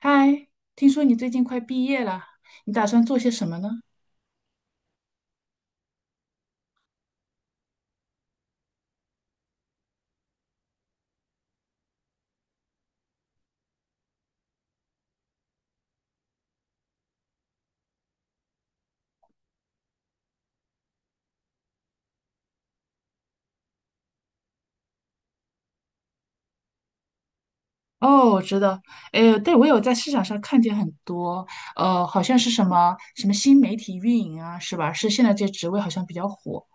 嗨，听说你最近快毕业了，你打算做些什么呢？哦，我知道，诶，对，我有在市场上看见很多，好像是什么什么新媒体运营啊，是吧？是现在这职位好像比较火。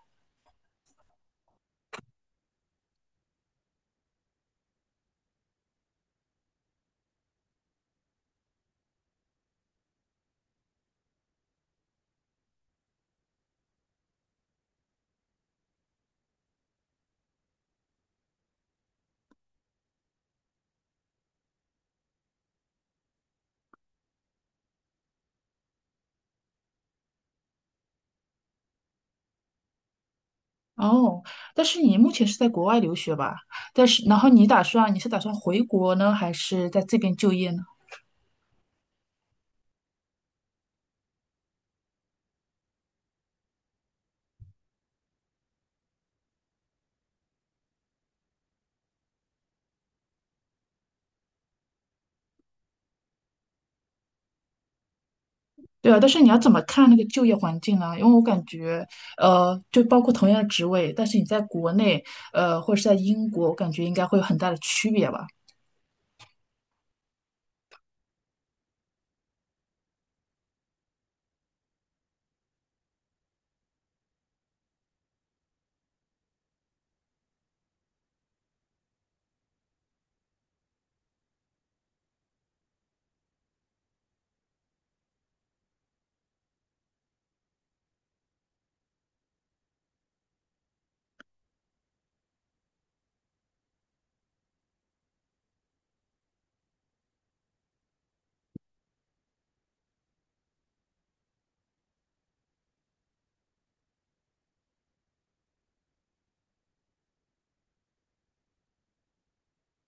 哦，但是你目前是在国外留学吧？但是，然后你是打算回国呢，还是在这边就业呢？对啊，但是你要怎么看那个就业环境呢？因为我感觉，就包括同样的职位，但是你在国内，或者是在英国，我感觉应该会有很大的区别吧。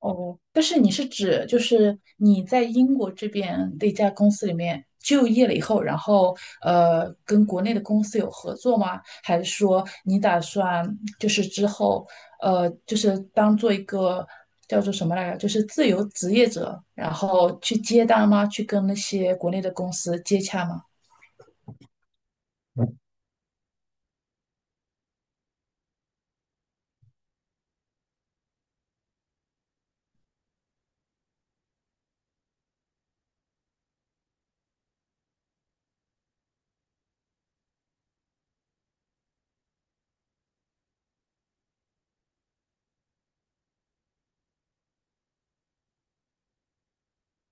哦，但是你是指就是你在英国这边的一家公司里面就业了以后，然后跟国内的公司有合作吗？还是说你打算就是之后就是当做一个叫做什么来着，就是自由职业者，然后去接单吗？去跟那些国内的公司接洽吗？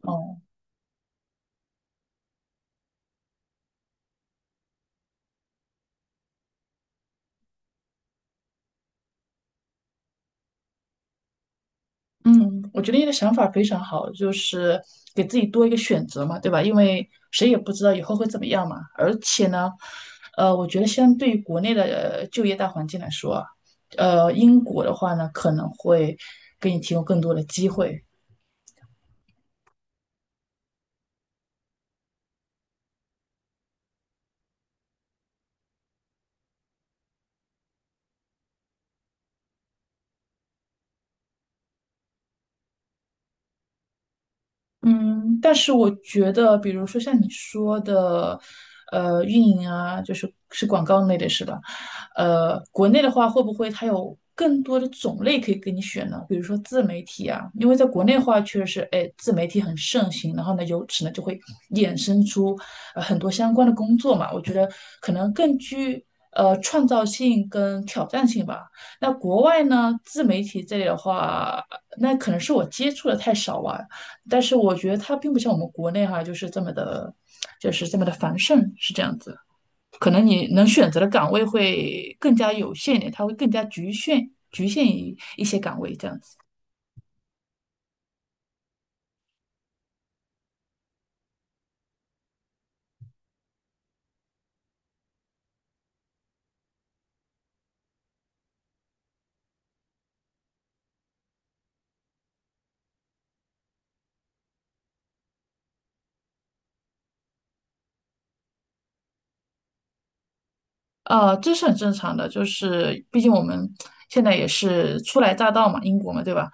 哦嗯，我觉得你的想法非常好，就是给自己多一个选择嘛，对吧？因为谁也不知道以后会怎么样嘛。而且呢，我觉得相对于国内的就业大环境来说啊，英国的话呢，可能会给你提供更多的机会，嗯，但是我觉得，比如说像你说的，运营啊，就是是广告类的，是吧？国内的话，会不会它有更多的种类可以给你选呢？比如说自媒体啊，因为在国内的话，确实是，哎，自媒体很盛行，然后呢，由此呢就会衍生出很多相关的工作嘛。我觉得可能更具创造性跟挑战性吧。那国外呢，自媒体这里的话，那可能是我接触的太少啊。但是我觉得它并不像我们国内哈、就是这么的繁盛，是这样子。可能你能选择的岗位会更加有限一点，它会更加局限于一些岗位这样子。这是很正常的，就是毕竟我们现在也是初来乍到嘛，英国嘛，对吧？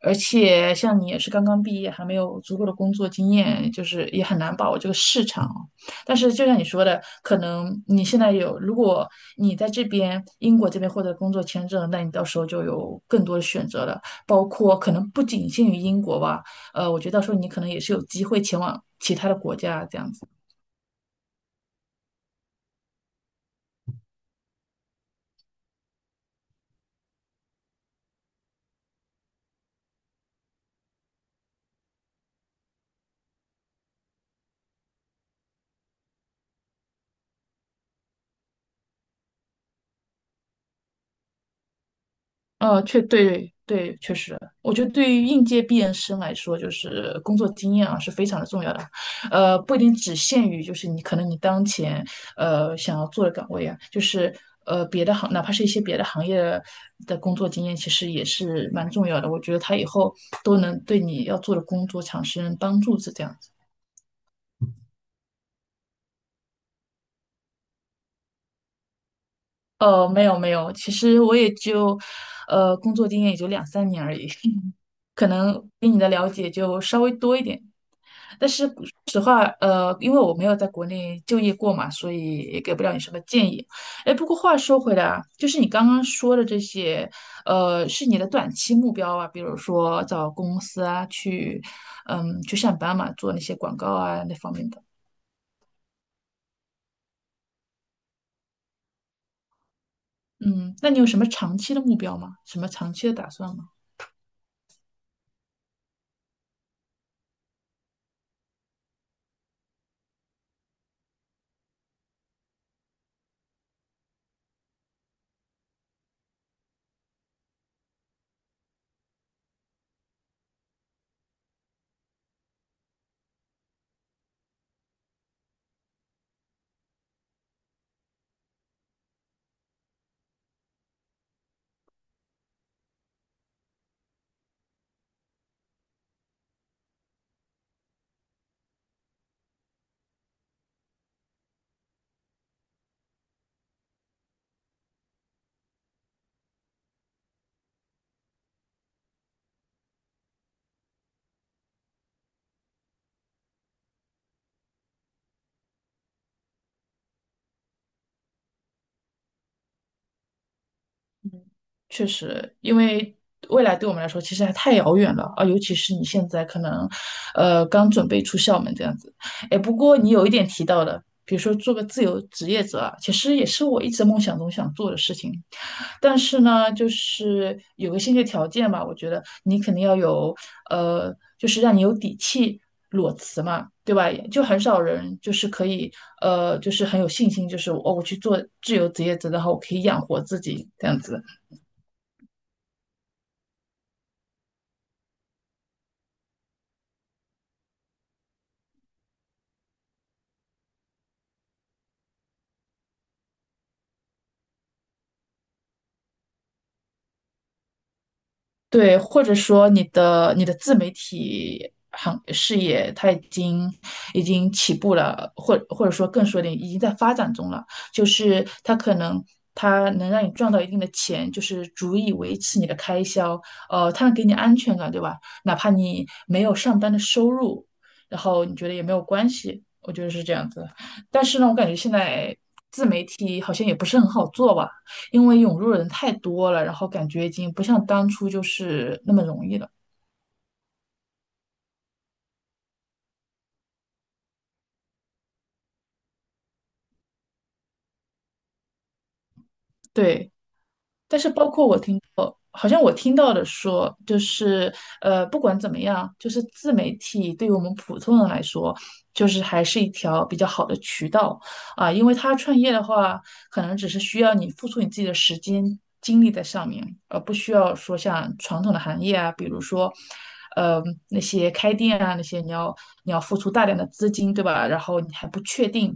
而且像你也是刚刚毕业，还没有足够的工作经验，就是也很难把握这个市场哦。但是就像你说的，可能你现在有，如果你在这边英国这边获得工作签证，那你到时候就有更多的选择了，包括可能不仅限于英国吧，我觉得到时候你可能也是有机会前往其他的国家这样子。对对，确实，我觉得对于应届毕业生来说，就是工作经验啊是非常的重要的，不一定只限于就是你可能你当前想要做的岗位啊，就是别的行，哪怕是一些别的行业的工作经验，其实也是蛮重要的。我觉得他以后都能对你要做的工作产生帮助，是这样子。没有没有，其实我也就工作经验也就两三年而已，可能比你的了解就稍微多一点。因为我没有在国内就业过嘛，所以也给不了你什么建议。哎，不过话说回来啊，就是你刚刚说的这些，是你的短期目标啊，比如说找公司啊，去，嗯，去上班嘛，做那些广告啊那方面的。嗯，那你有什么长期的目标吗？什么长期的打算吗？确实，因为未来对我们来说其实还太遥远了啊，尤其是你现在可能，刚准备出校门这样子。哎，不过你有一点提到的，比如说做个自由职业者啊，其实也是我一直梦想中想做的事情。但是呢，就是有个先决条件吧，我觉得你肯定要有，就是让你有底气裸辞嘛，对吧？就很少人就是可以，就是很有信心，就是哦，我去做自由职业者，然后我可以养活自己这样子。对，或者说你的自媒体行事业，它已经起步了，或者说更说点，已经在发展中了。就是它可能它能让你赚到一定的钱，就是足以维持你的开销，它能给你安全感，对吧？哪怕你没有上班的收入，然后你觉得也没有关系，我觉得是这样子。但是呢，我感觉现在自媒体好像也不是很好做吧。因为涌入的人太多了，然后感觉已经不像当初就是那么容易了。对，但是包括我听到，好像我听到的说，不管怎么样，就是自媒体对于我们普通人来说，就是还是一条比较好的渠道啊，因为他创业的话，可能只是需要你付出你自己的时间精力在上面，而不需要说像传统的行业啊，比如说。呃，那些开店啊，那些你要付出大量的资金，对吧？然后你还不确定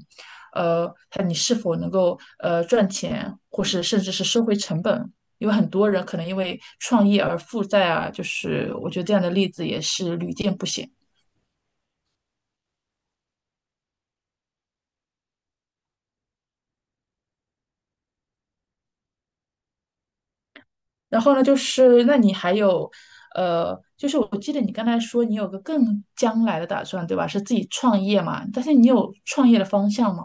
看你是否能够赚钱，或是甚至是收回成本。因为很多人可能因为创业而负债啊，就是我觉得这样的例子也是屡见不鲜。然后呢，就是那你还有，就是我记得你刚才说你有个更将来的打算，对吧？是自己创业嘛？但是你有创业的方向吗？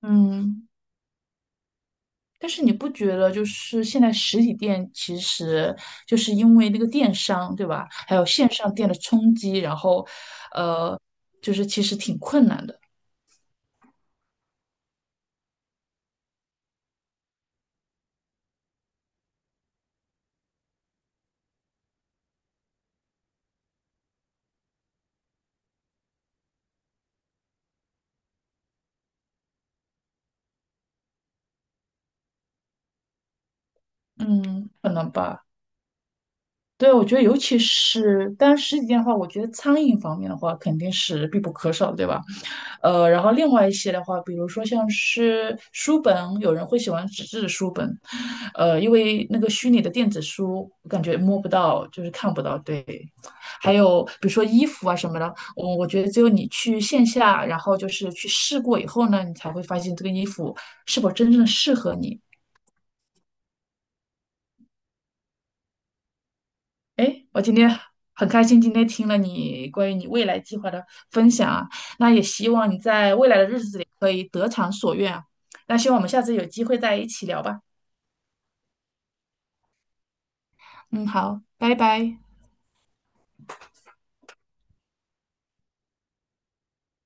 嗯。但是你不觉得就是现在实体店其实就是因为那个电商，对吧？还有线上店的冲击，然后，呃，就是其实挺困难的。嗯，可能吧。对，我觉得尤其是，当然实体店的话，我觉得餐饮方面的话肯定是必不可少的，对吧？然后另外一些的话，比如说像是书本，有人会喜欢纸质的书本，因为那个虚拟的电子书，我感觉摸不到，就是看不到，对。还有比如说衣服啊什么的，我觉得只有你去线下，然后就是去试过以后呢，你才会发现这个衣服是否真正的适合你。诶，我今天很开心，今天听了你关于你未来计划的分享啊，那也希望你在未来的日子里可以得偿所愿啊。那希望我们下次有机会再一起聊吧。嗯，好，拜拜。